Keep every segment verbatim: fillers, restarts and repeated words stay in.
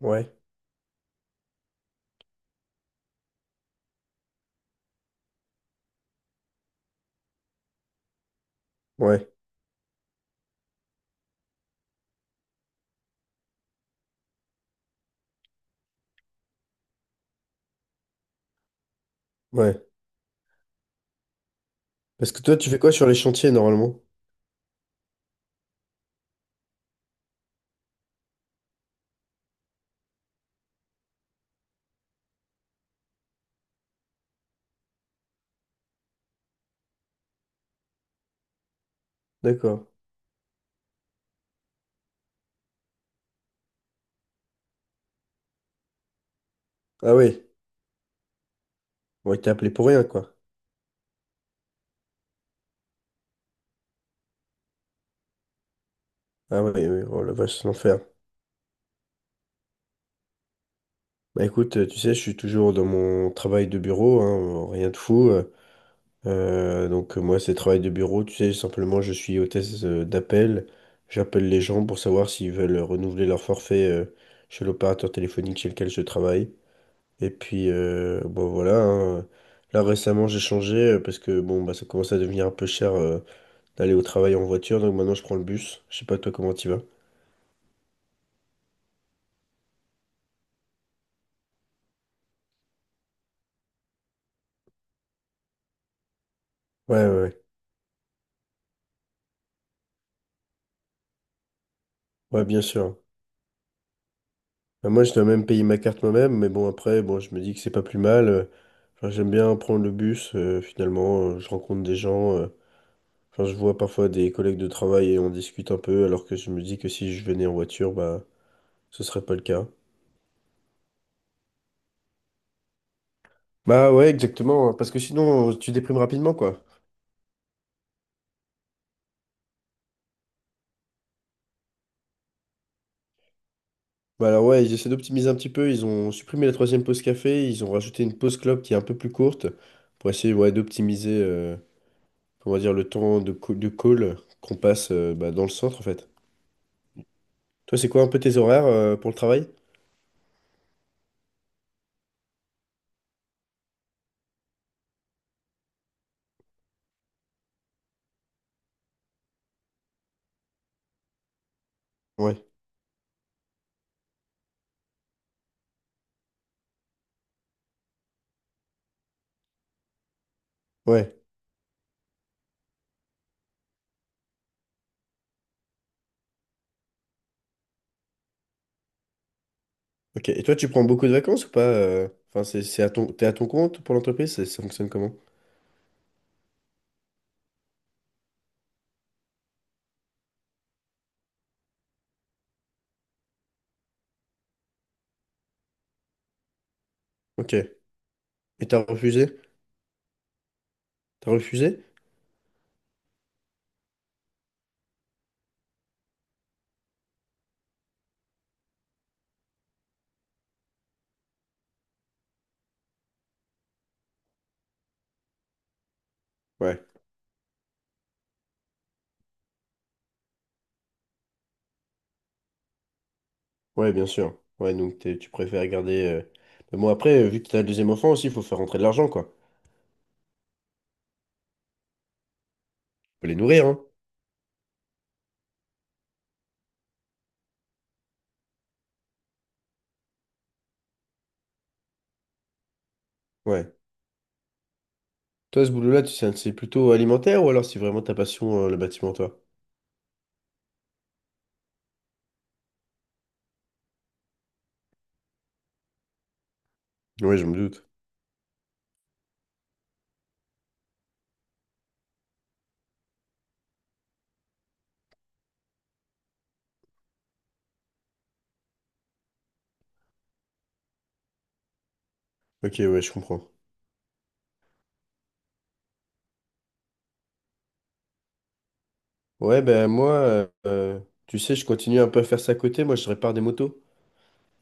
Ouais, ouais, ouais. Parce que toi, tu fais quoi sur les chantiers normalement? D'accord. Ah oui, ouais, t'es appelé pour rien, quoi. Ah oui, oui, oh la vache, c'est l'enfer. Bah écoute, euh, tu sais, je suis toujours dans mon travail de bureau, hein, rien de fou. euh, euh, donc euh, moi, c'est travail de bureau, tu sais, simplement, je suis hôtesse euh, d'appel. J'appelle les gens pour savoir s'ils veulent euh, renouveler leur forfait euh, chez l'opérateur téléphonique chez lequel je travaille. Et puis, euh, bon voilà, hein. Là, récemment, j'ai changé euh, parce que bon, bah, ça commence à devenir un peu cher, euh, d'aller au travail en voiture, donc maintenant je prends le bus. Je sais pas toi comment tu vas. Ouais, ouais, ouais. Ouais, bien sûr. Bah, moi, je dois même payer ma carte moi-même, mais bon, après, bon, je me dis que c'est pas plus mal. Euh, enfin, j'aime bien prendre le bus, euh, finalement, euh, je rencontre des gens. Euh, enfin, je vois parfois des collègues de travail et on discute un peu, alors que je me dis que si je venais en voiture, bah, ce serait pas le cas. Bah ouais, exactement, parce que sinon, euh, tu déprimes rapidement, quoi. Bah alors ouais, ils essaient d'optimiser un petit peu, ils ont supprimé la troisième pause café, ils ont rajouté une pause clope qui est un peu plus courte, pour essayer, ouais, d'optimiser... euh, on va dire, le temps de, co- de call qu'on passe euh, bah, dans le centre, en fait. Toi, c'est quoi un peu tes horaires euh, pour le travail? Ouais, ouais. Ok. Et toi, tu prends beaucoup de vacances ou pas? euh Enfin, c'est, c'est à ton, t'es à ton compte pour l'entreprise? Ça, ça fonctionne comment? Ok. Et t'as refusé? T'as refusé? Ouais. Ouais, bien sûr. Ouais, donc t'es- tu préfères garder... euh, Mais bon, après, euh, vu que t'as le deuxième enfant aussi, il faut faire rentrer de l'argent, quoi. Faut les nourrir, hein? Ouais. Toi, ce boulot-là, tu sais, c'est plutôt alimentaire ou alors c'est vraiment ta passion, euh, le bâtiment, toi? Ouais, je me doute. Ok, ouais, je comprends. Ouais, ben moi, euh, euh, tu sais, je continue un peu à faire ça à côté. Moi, je répare des motos.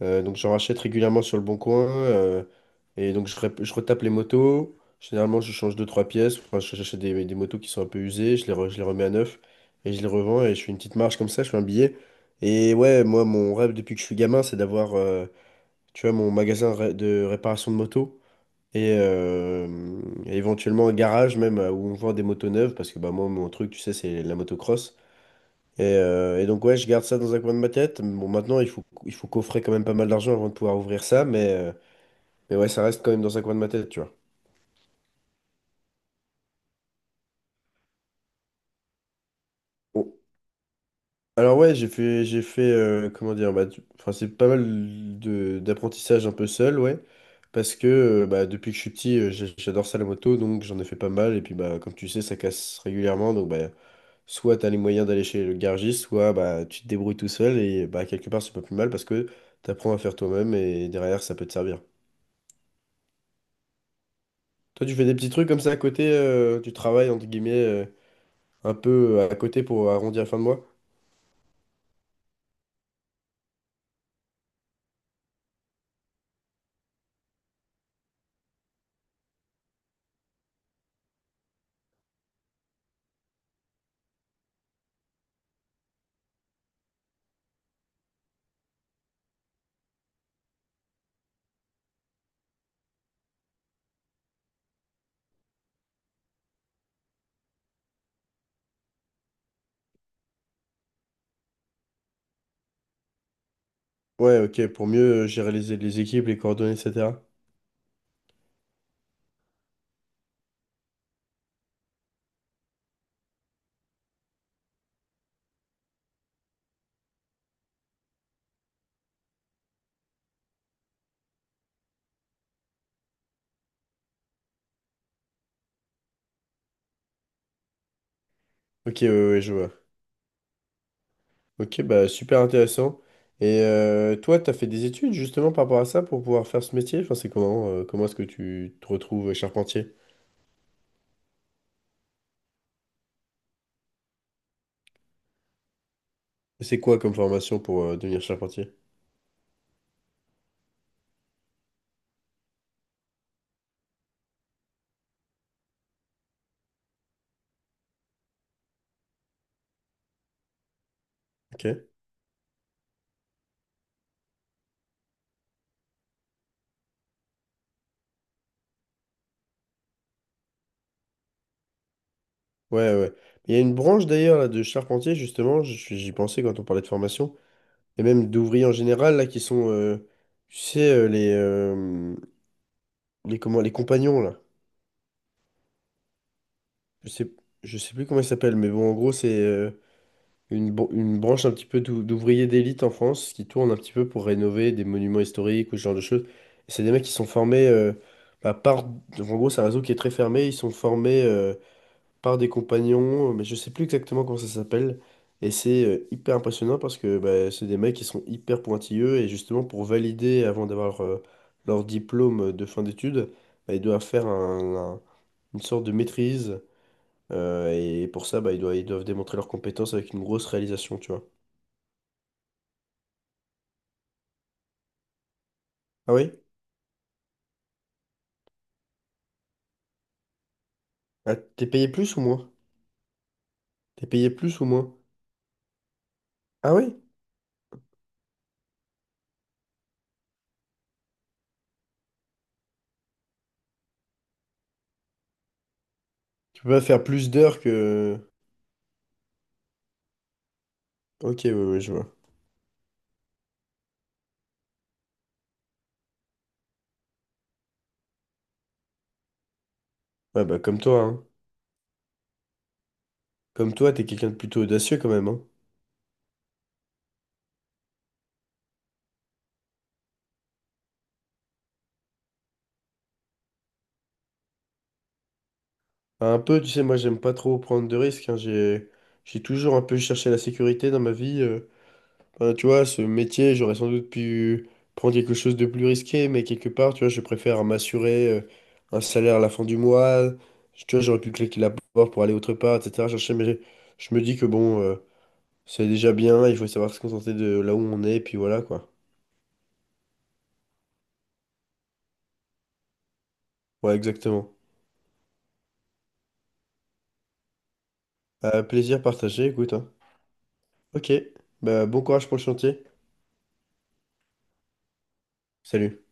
Euh, donc, j'en rachète régulièrement sur le Bon Coin. Euh, et donc, je, rep- je retape les motos. Généralement, je change deux, trois pièces. Enfin, je- j'achète des, des motos qui sont un peu usées. Je les, re- je les remets à neuf. Et je les revends. Et je fais une petite marge comme ça. Je fais un billet. Et ouais, moi, mon rêve depuis que je suis gamin, c'est d'avoir, euh, tu vois, mon magasin ré- de réparation de motos. Et, euh, et éventuellement un garage même euh, où on vend des motos neuves. Parce que bah, moi, mon truc, tu sais, c'est la motocross. Et, euh, et donc ouais, je garde ça dans un coin de ma tête. Bon, maintenant, il faut, il faut coffrer quand même pas mal d'argent avant de pouvoir ouvrir ça, mais, euh, mais ouais, ça reste quand même dans un coin de ma tête, tu vois. Bon. Alors ouais, j'ai fait, j'ai fait, euh, comment dire, bah, tu- enfin, c'est pas mal de, d'apprentissage un peu seul, ouais, parce que euh, bah, depuis que je suis petit, euh, j'ai- j'adore ça la moto, donc j'en ai fait pas mal, et puis bah, comme tu sais, ça casse régulièrement, donc bah, soit t'as les moyens d'aller chez le garagiste, soit bah, tu te débrouilles tout seul, et bah, quelque part, c'est pas plus mal, parce que t'apprends à faire toi-même, et derrière, ça peut te servir. Toi, tu fais des petits trucs comme ça à côté, euh, tu travailles entre guillemets euh, un peu euh, à côté pour arrondir la fin de mois? Ouais, ok, pour mieux euh, gérer les, les équipes, les coordonnées, et cetera. Ok, ouais, ouais, je vois. Ok, bah super intéressant. Et euh, toi, tu as fait des études justement par rapport à ça pour pouvoir faire ce métier? Enfin, c'est comment, euh, comment est-ce que tu te retrouves charpentier? C'est quoi comme formation pour euh, devenir charpentier? Ok. Ouais, ouais. Il y a une branche d'ailleurs là, de charpentier, justement, j- j'y pensais quand on parlait de formation, et même d'ouvriers en général, là, qui sont, euh, tu sais, euh, les, euh, les, comment, les compagnons, là. Je sais, je sais plus comment ils s'appellent, mais bon, en gros, c'est... euh, une, br- une branche un petit peu d'ou- d'ouvriers d'élite en France qui tournent un petit peu pour rénover des monuments historiques ou ce genre de choses. Et c'est des mecs qui sont formés euh, bah, par... Donc, en gros, c'est un réseau qui est très fermé. Ils sont formés euh, par des compagnons, mais je sais plus exactement comment ça s'appelle. Et c'est euh, hyper impressionnant parce que bah, c'est des mecs qui sont hyper pointilleux et justement pour valider avant d'avoir euh, leur diplôme de fin d'études, bah, ils doivent faire un- un- une sorte de maîtrise. Euh, et pour ça, bah, ils doivent, ils doivent démontrer leurs compétences avec une grosse réalisation, tu vois. Ah oui? Ah, t'es payé plus ou moins? T'es payé plus ou moins? Ah oui? Tu peux pas faire plus d'heures que... Ok, ouais, ouais, je vois. Ouais, bah comme toi, hein. Comme toi, t'es quelqu'un de plutôt audacieux quand même, hein. Enfin, un peu, tu sais, moi j'aime pas trop prendre de risques, hein. J'ai... J'ai toujours un peu cherché la sécurité dans ma vie. euh. Enfin, tu vois, ce métier, j'aurais sans doute pu prendre quelque chose de plus risqué, mais quelque part, tu vois, je préfère m'assurer euh, un salaire à la fin du mois. Tu vois, j'aurais pu claquer la porte pour aller autre part, et cetera, mais je me dis que bon... euh, c'est déjà bien, il faut savoir se contenter de là où on est, et puis voilà quoi. Ouais, exactement. Euh, plaisir partagé, écoute, hein. Ok, bah, bon courage pour le chantier. Salut.